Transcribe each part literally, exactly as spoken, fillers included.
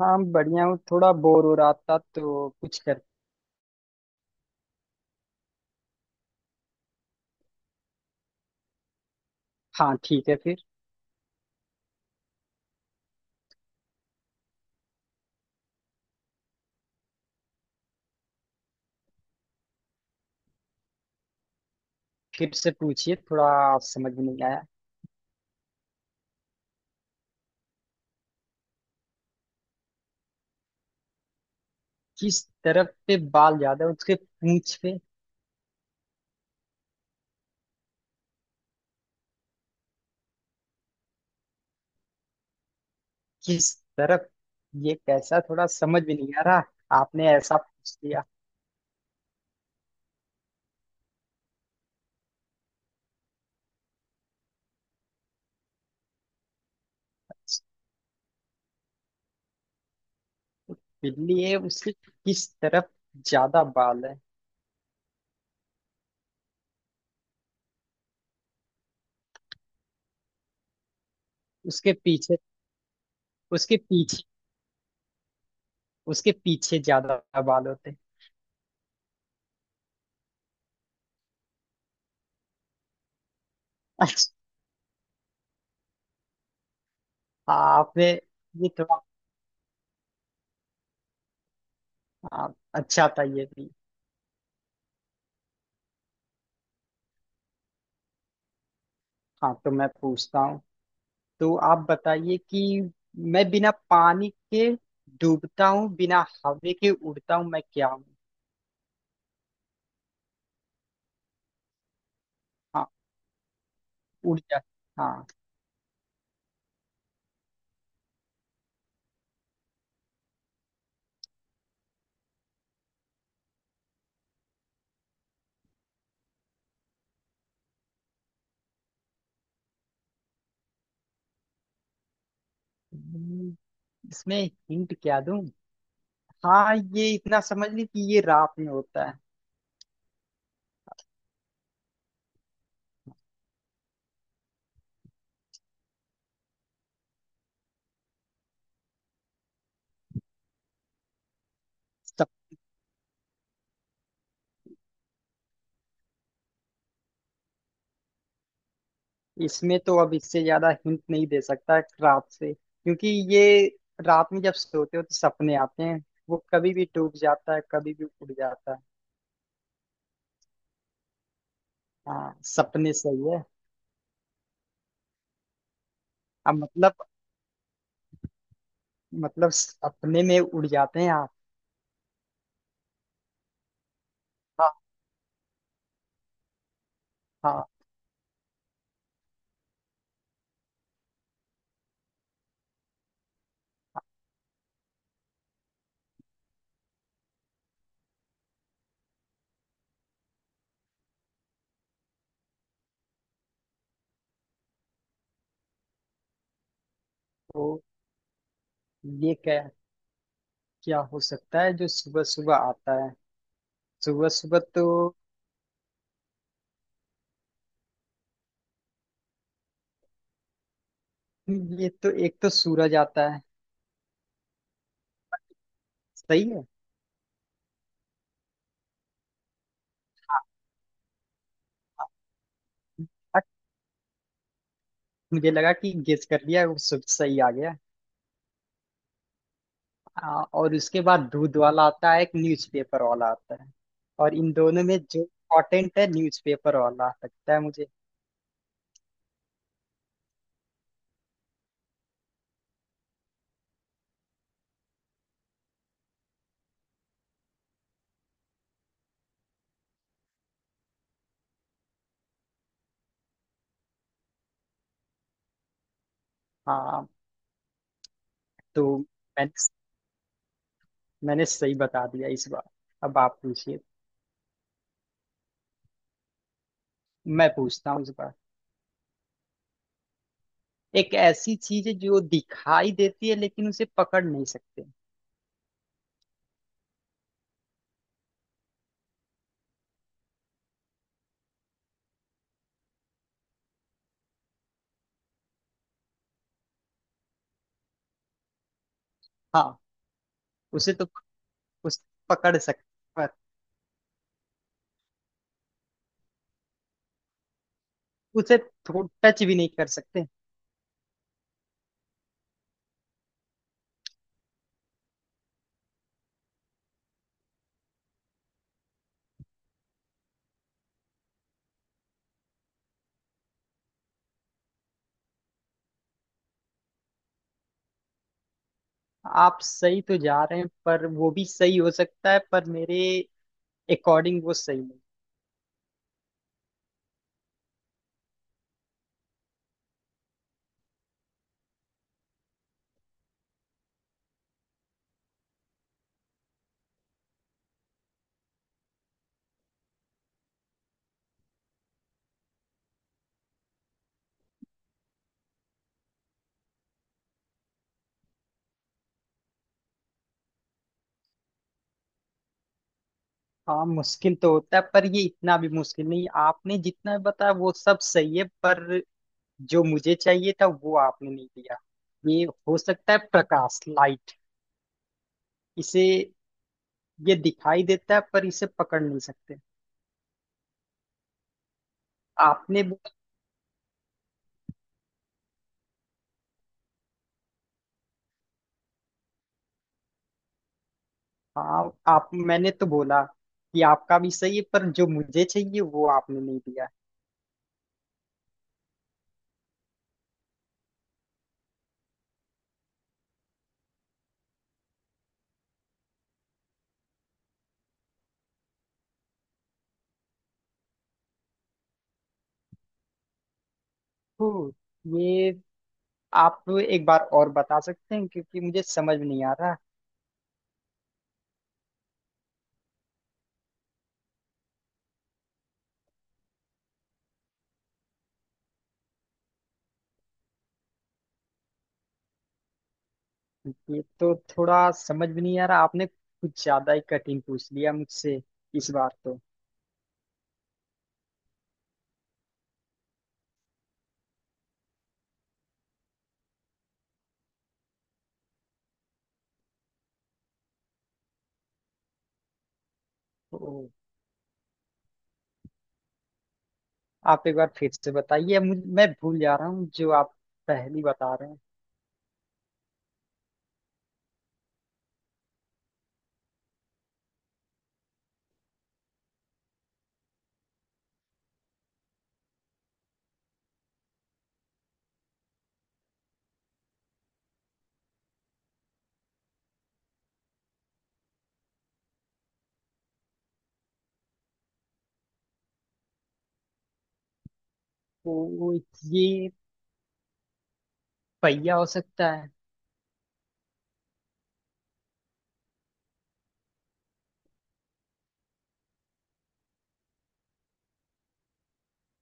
हाँ बढ़िया हूँ। थोड़ा बोर हो रहा था तो कुछ कर। हाँ ठीक है फिर। फिर से पूछिए, थोड़ा समझ में नहीं आया। किस तरफ पे बाल ज्यादा है, उसके पूंछ पे। किस तरफ, ये कैसा, थोड़ा समझ में नहीं आ रहा। आपने ऐसा पूछ दिया। बिल्ली है उसके किस तरफ ज्यादा बाल है। उसके पीछे। उसके पीछे। उसके पीछे ज्यादा बाल होते हैं। अच्छा। आपने ये थोड़ा। हाँ, अच्छा था ये भी। हाँ तो मैं पूछता हूँ। तो आप बताइए कि मैं बिना पानी के डूबता हूँ, बिना हवा के उड़ता हूँ, मैं क्या हूँ। हाँ। उड़ जा। हाँ। हम्म, इसमें हिंट क्या दूँ। हाँ ये इतना समझ ली कि ये रात में होता है। इसमें तो अब इससे ज्यादा हिंट नहीं दे सकता रात से क्योंकि ये रात में जब सोते हो तो सपने आते हैं। वो कभी भी डूब जाता है, कभी भी उड़ जाता है। हाँ सपने सही है। अब मतलब, मतलब सपने में उड़ जाते हैं आप। हाँ। हाँ तो ये क्या, क्या हो सकता है जो सुबह सुबह आता है। सुबह सुबह तो ये तो एक तो सूरज आता है। सही है। अ, मुझे लगा कि गेस कर लिया, वो सब सही आ गया। हाँ और उसके बाद दूध वाला आता है, एक न्यूज़पेपर वाला आता है। और इन दोनों में जो इम्पोर्टेंट है न्यूज़पेपर वाला लगता है मुझे। हाँ तो मैंने मैंने सही बता दिया इस बार। अब आप पूछिए। मैं पूछता हूँ इस बार। एक ऐसी चीज है जो दिखाई देती है लेकिन उसे पकड़ नहीं सकते। हाँ उसे तो उस पकड़ सकते, पर उसे टच भी नहीं कर सकते। आप सही तो जा रहे हैं पर वो भी सही हो सकता है, पर मेरे अकॉर्डिंग वो सही नहीं। हाँ मुश्किल तो होता है पर ये इतना भी मुश्किल नहीं, आपने जितना बताया वो सब सही है पर जो मुझे चाहिए था वो आपने नहीं दिया। ये हो सकता है प्रकाश, लाइट। इसे, ये दिखाई देता है पर इसे पकड़ नहीं सकते। आपने बोला। हाँ आप, मैंने तो बोला कि आपका भी सही है पर जो मुझे चाहिए वो आपने नहीं दिया। तो ये, आप एक बार और बता सकते हैं क्योंकि मुझे समझ नहीं आ रहा। ये तो थोड़ा समझ भी नहीं आ रहा, आपने कुछ ज्यादा ही कठिन पूछ लिया मुझसे इस बार तो। ओ, आप एक बार फिर से बताइए, मुझ- मैं भूल जा रहा हूँ जो आप पहली बता रहे हैं। ओ, ये पहिया हो सकता है।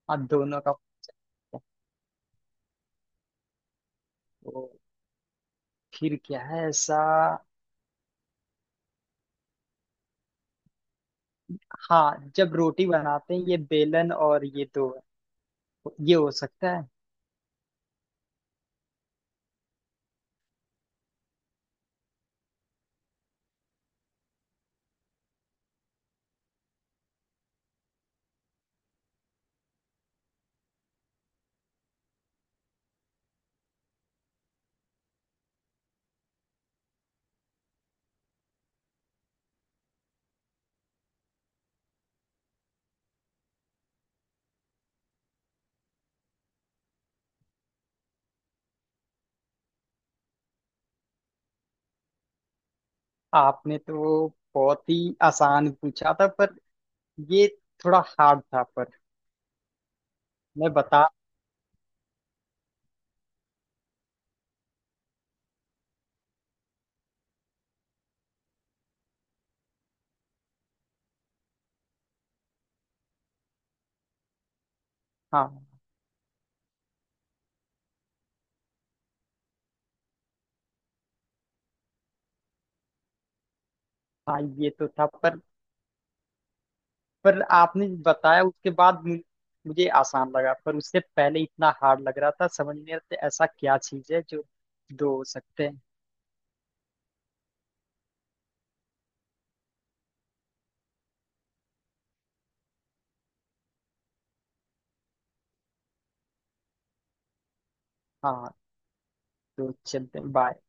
हाँ दोनों का पहिया। ओ, फिर क्या है ऐसा। हाँ जब रोटी बनाते हैं ये बेलन और ये दो है। ये हो सकता है। आपने तो बहुत ही आसान पूछा था पर ये थोड़ा हार्ड था पर मैं बता। हाँ। हाँ ये तो था पर पर आपने बताया उसके बाद मु- मुझे आसान लगा, पर उससे पहले इतना हार्ड लग रहा था। समझ नहीं आता ऐसा क्या चीज है जो दो हो सकते हैं। हाँ तो चलते हैं, बाय।